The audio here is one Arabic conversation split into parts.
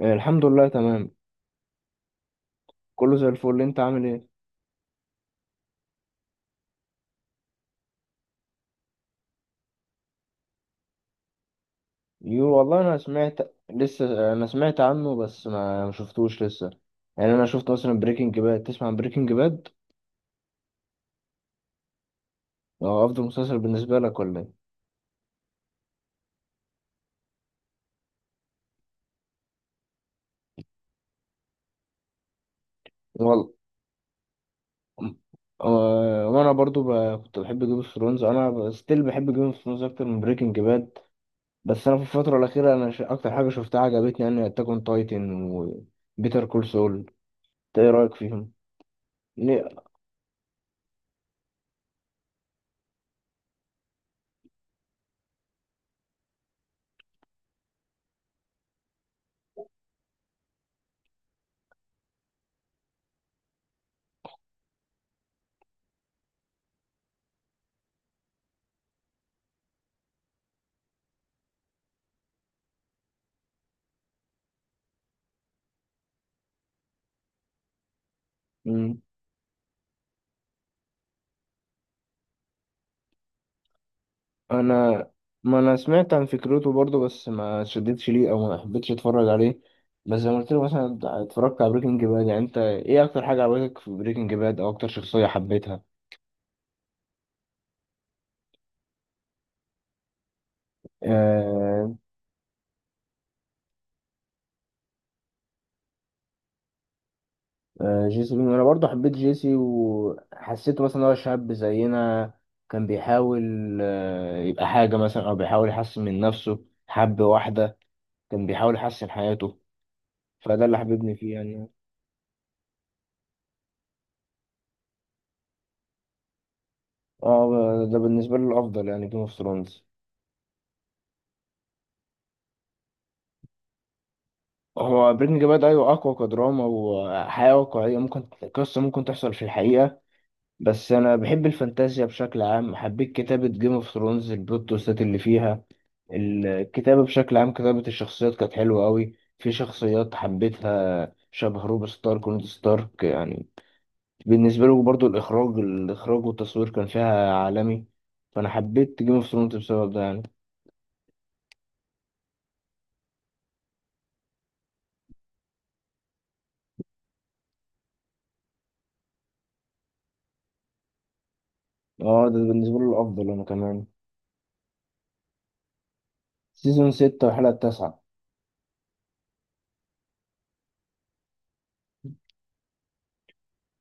آه، الحمد لله تمام. كله زي الفل، انت عامل ايه؟ يو والله انا سمعت. لسه انا سمعت عنه بس ما شفتوش لسه. يعني انا شفت مثلا بريكنج باد، تسمع عن بريكنج باد؟ هو افضل مسلسل بالنسبه لك ولا ايه؟ والله. وانا برضو كنت بحب جيم اوف ثرونز. انا ستيل بحب جيم اوف ثرونز اكتر من بريكنج باد. بس انا في الفتره الاخيره انا اكتر حاجه شفتها عجبتني يعني اتاك اون تايتن وبيتر كول سول. ايه رايك فيهم؟ ليه؟ انا ما انا سمعت عن فكرته برضو، بس ما شدتش ليه او ما حبيتش اتفرج عليه. بس زي ما قلت لك مثلا اتفرجت على بريكنج باد، يعني انت ايه اكتر حاجه عجبتك في بريكنج باد او اكتر شخصيه حبيتها؟ آه آه، جيسي بينكمان. انا برضو حبيت جيسي وحسيته مثلا إن هو شاب زينا. كان بيحاول يبقى حاجه، مثلا او بيحاول يحسن من نفسه، حب واحده. كان بيحاول يحسن حياته. فده اللي حببني فيه يعني. اه، ده بالنسبه لي الافضل يعني جيم اوف ثرونز. هو بريكنج باد ايوه اقوى كدراما وحياه واقعيه، ممكن قصه ممكن تحصل في الحقيقه. بس انا بحب الفانتازيا بشكل عام، حبيت كتابه جيم اوف ثرونز، البلوت تويستات اللي فيها، الكتابه بشكل عام، كتابه الشخصيات كانت حلوه قوي. في شخصيات حبيتها شبه روب ستارك ونيد ستارك يعني، بالنسبه له برضو. الاخراج، الاخراج والتصوير كان فيها عالمي. فانا حبيت جيم اوف ثرونز بسبب ده يعني. اه، ده بالنسبه له الافضل انا كمان. سيزون 6 والحلقه التاسعة.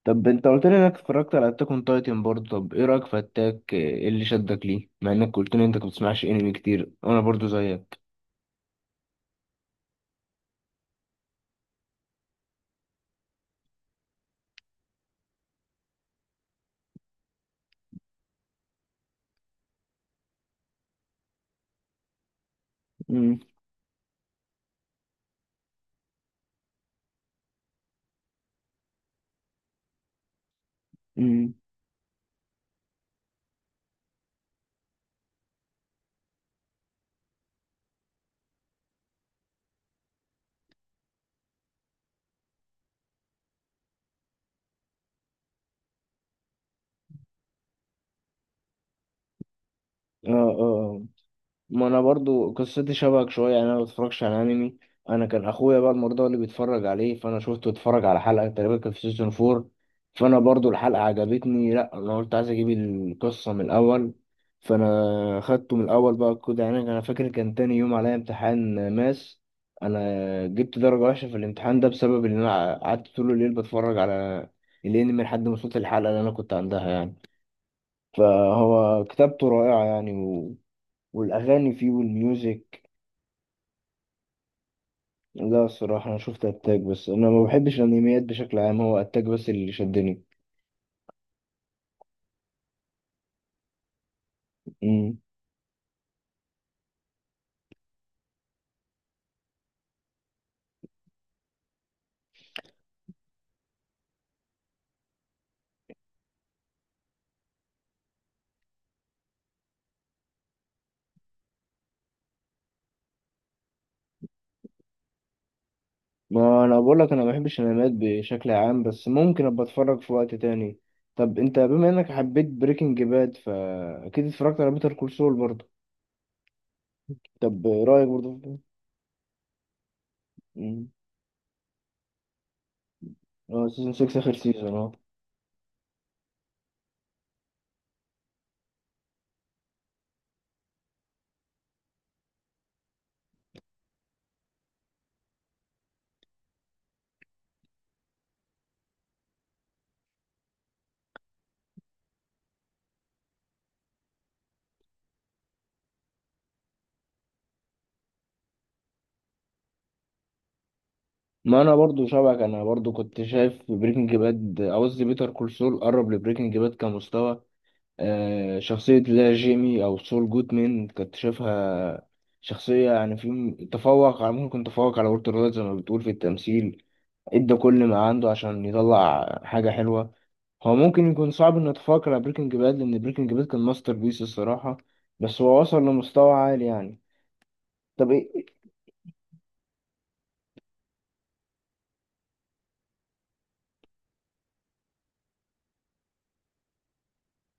طب انت قلت لي انك اتفرجت على اتاك اون تايتن برضه. طب ايه رايك في اتاك؟ ايه اللي شدك ليه مع انك قلت لي انت ما بتسمعش انمي كتير وانا برضه زيك؟ امم امم اه اه، ما انا برضو قصتي شبهك شويه، يعني انا ما بتفرجش على انمي. انا كان اخويا بقى المرضى اللي بيتفرج عليه، فانا شفته اتفرج على حلقه تقريبا، كان في سيزون فور. فانا برضو الحلقه عجبتني. لا، انا قلت عايز اجيب القصه من الاول. فانا خدته من الاول بقى كده يعني. انا فاكر كان تاني يوم عليا امتحان ماس، انا جبت درجه وحشه في الامتحان ده بسبب ان انا قعدت طول الليل بتفرج على الانمي لحد ما وصلت الحلقه اللي انا كنت عندها يعني. فهو كتابته رائعه يعني، والاغاني فيه والميوزك. لا، الصراحة أنا شفت أتاك، بس أنا ما بحبش الأنميات بشكل عام. هو أتاك بس اللي شدني. مم. ما أنا بقولك أنا ما بحبش الأنميات بشكل عام، بس ممكن أبقى أتفرج في وقت تاني. طب أنت بما إنك حبيت بريكنج باد فأكيد اتفرجت على بيتر كول سول برضه. طب رأيك برضه مم. أه، سيزون 6 آخر سيزون، أه. ما أنا برضه شبهك، أنا برضه كنت شايف بريكنج باد، قصدي بيتر كول سول قرب لبريكنج باد كمستوى. شخصية، لا جيمي أو سول جودمان كنت شايفها شخصية يعني في تفوق على، ممكن تفوق على وولتر وايت زي ما بتقول في التمثيل. ادى كل ما عنده عشان يطلع حاجة حلوة. هو ممكن يكون صعب إنه يتفوق على بريكنج باد لأن بريكنج باد كان ماستر بيس الصراحة. بس هو وصل لمستوى عالي يعني. طب إيه؟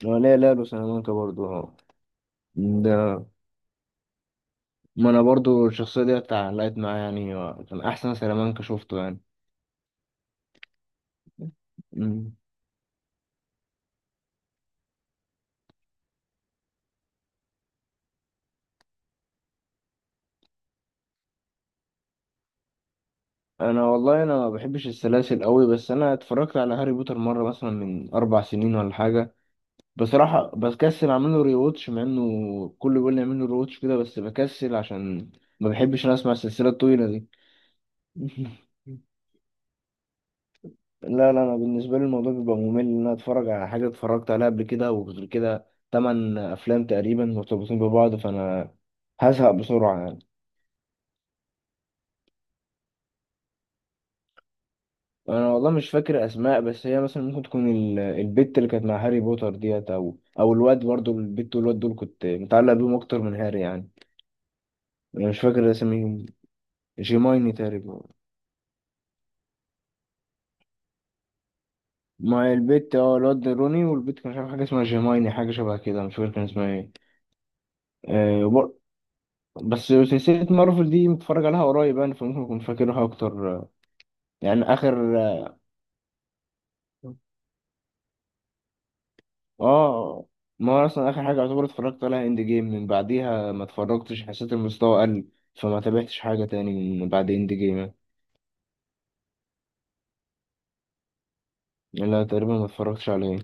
هو لا لا، لوس سلامانكا برضه أهو. ده، ما أنا برضه الشخصية دي اتعلقت معايا يعني. كان أحسن سلامانكا شفته. يعني والله انا ما بحبش السلاسل قوي. بس انا اتفرجت على هاري بوتر مره، مثلا من اربع سنين ولا حاجه. بصراحه بكسل اعمل له ريواتش مع انه كله بيقول لي اعمل له ريواتش كده، بس بكسل عشان ما بحبش انا اسمع السلسله الطويله دي. لا لا، انا بالنسبه لي الموضوع بيبقى ممل، ان انا اتفرج على حاجه اتفرجت عليها قبل كده، وغير كده تمن افلام تقريبا مرتبطين ببعض، فانا هزهق بسرعه يعني. انا والله مش فاكر اسماء، بس هي مثلا ممكن تكون البت اللي كانت مع هاري بوتر ديت، او الواد برضه، البت والواد دول كنت متعلق بيهم اكتر من هاري يعني. انا مش فاكر اساميهم. جيمايني تقريبا. مع البت، الواد روني، والبت كان مش عارف حاجه اسمها جيمايني، حاجه شبه كده، مش فاكر كان اسمها ايه. آه وبر- بس سلسله مارفل دي متفرج عليها قريب يعني، فممكن اكون فاكرها اكتر. يعني اخر. آه، اه، ما هو اصلا اخر حاجه يعتبر اتفرجت عليها اند جيم. من بعديها ما اتفرجتش، حسيت المستوى قل، فما تابعتش حاجه تاني من بعد اند جيم. لا، تقريبا ما اتفرجتش عليه.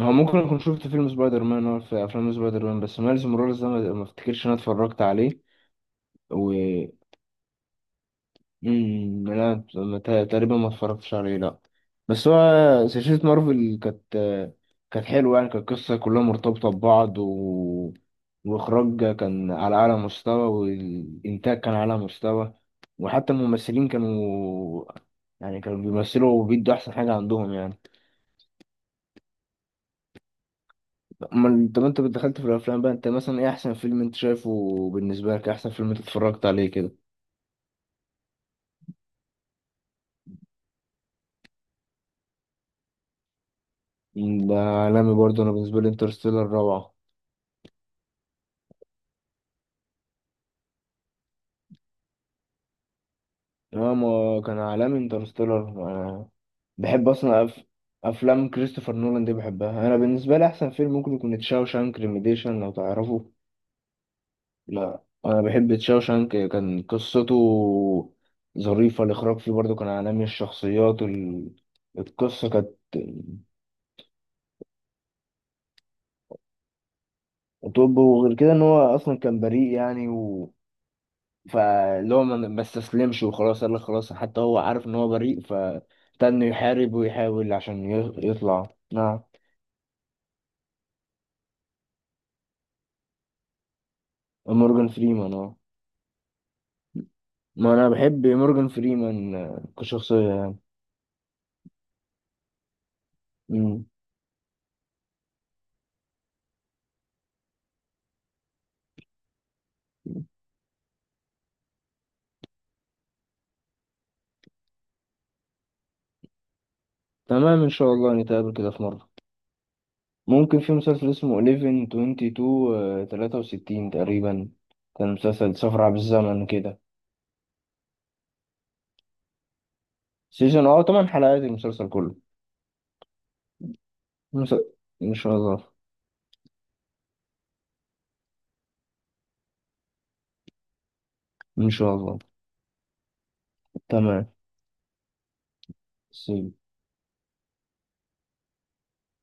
هو ممكن اكون شفت فيلم سبايدر مان، هو في افلام سبايدر مان بس ميلز موراليس ده ما افتكرش ان انا اتفرجت عليه. و... لا، ما تقريبا ما اتفرجتش عليه، لا. بس هو سلسلة مارفل كانت حلوة، يعني كانت قصة كلها مرتبطة ببعض، وإخراج كان على أعلى مستوى والإنتاج كان على أعلى مستوى. وحتى الممثلين كانوا، يعني كانوا بيمثلوا وبيدوا أحسن حاجة عندهم يعني. أمال طب أنت دخلت في الأفلام بقى، أنت مثلا إيه أحسن فيلم أنت شايفه؟ بالنسبة لك إيه أحسن فيلم أنت اتفرجت عليه كده؟ ده عالمي برضه. أنا بالنسبة لي انترستيلر روعة. اه، ما كان عالمي انترستيلر. انا بحب اصلا افلام كريستوفر نولان دي بحبها. انا بالنسبه لي احسن فيلم ممكن يكون تشاوشانك ريميديشن لو تعرفه. لا انا بحب تشاوشانك. كان قصته ظريفه، الاخراج فيه برضه كان عالمي. الشخصيات القصه كانت. طب وغير كده ان هو اصلا كان بريء يعني، فاللي هو ما استسلمش وخلاص، قال لك خلاص، حتى هو عارف ان هو بريء، ابتدى انه يحارب ويحاول عشان يطلع، نعم. مورجان فريمان، اه. ما انا بحب مورجان فريمان كشخصية يعني. مم. تمام، ان شاء الله نتقابل كده في مرة. ممكن في مسلسل اسمه 11 22 وستين تقريبا، كان مسلسل سفر عبر الزمن كده. سيزون 8 حلقات المسلسل كله. مس... ان شاء الله. ان شاء الله. تمام. سي.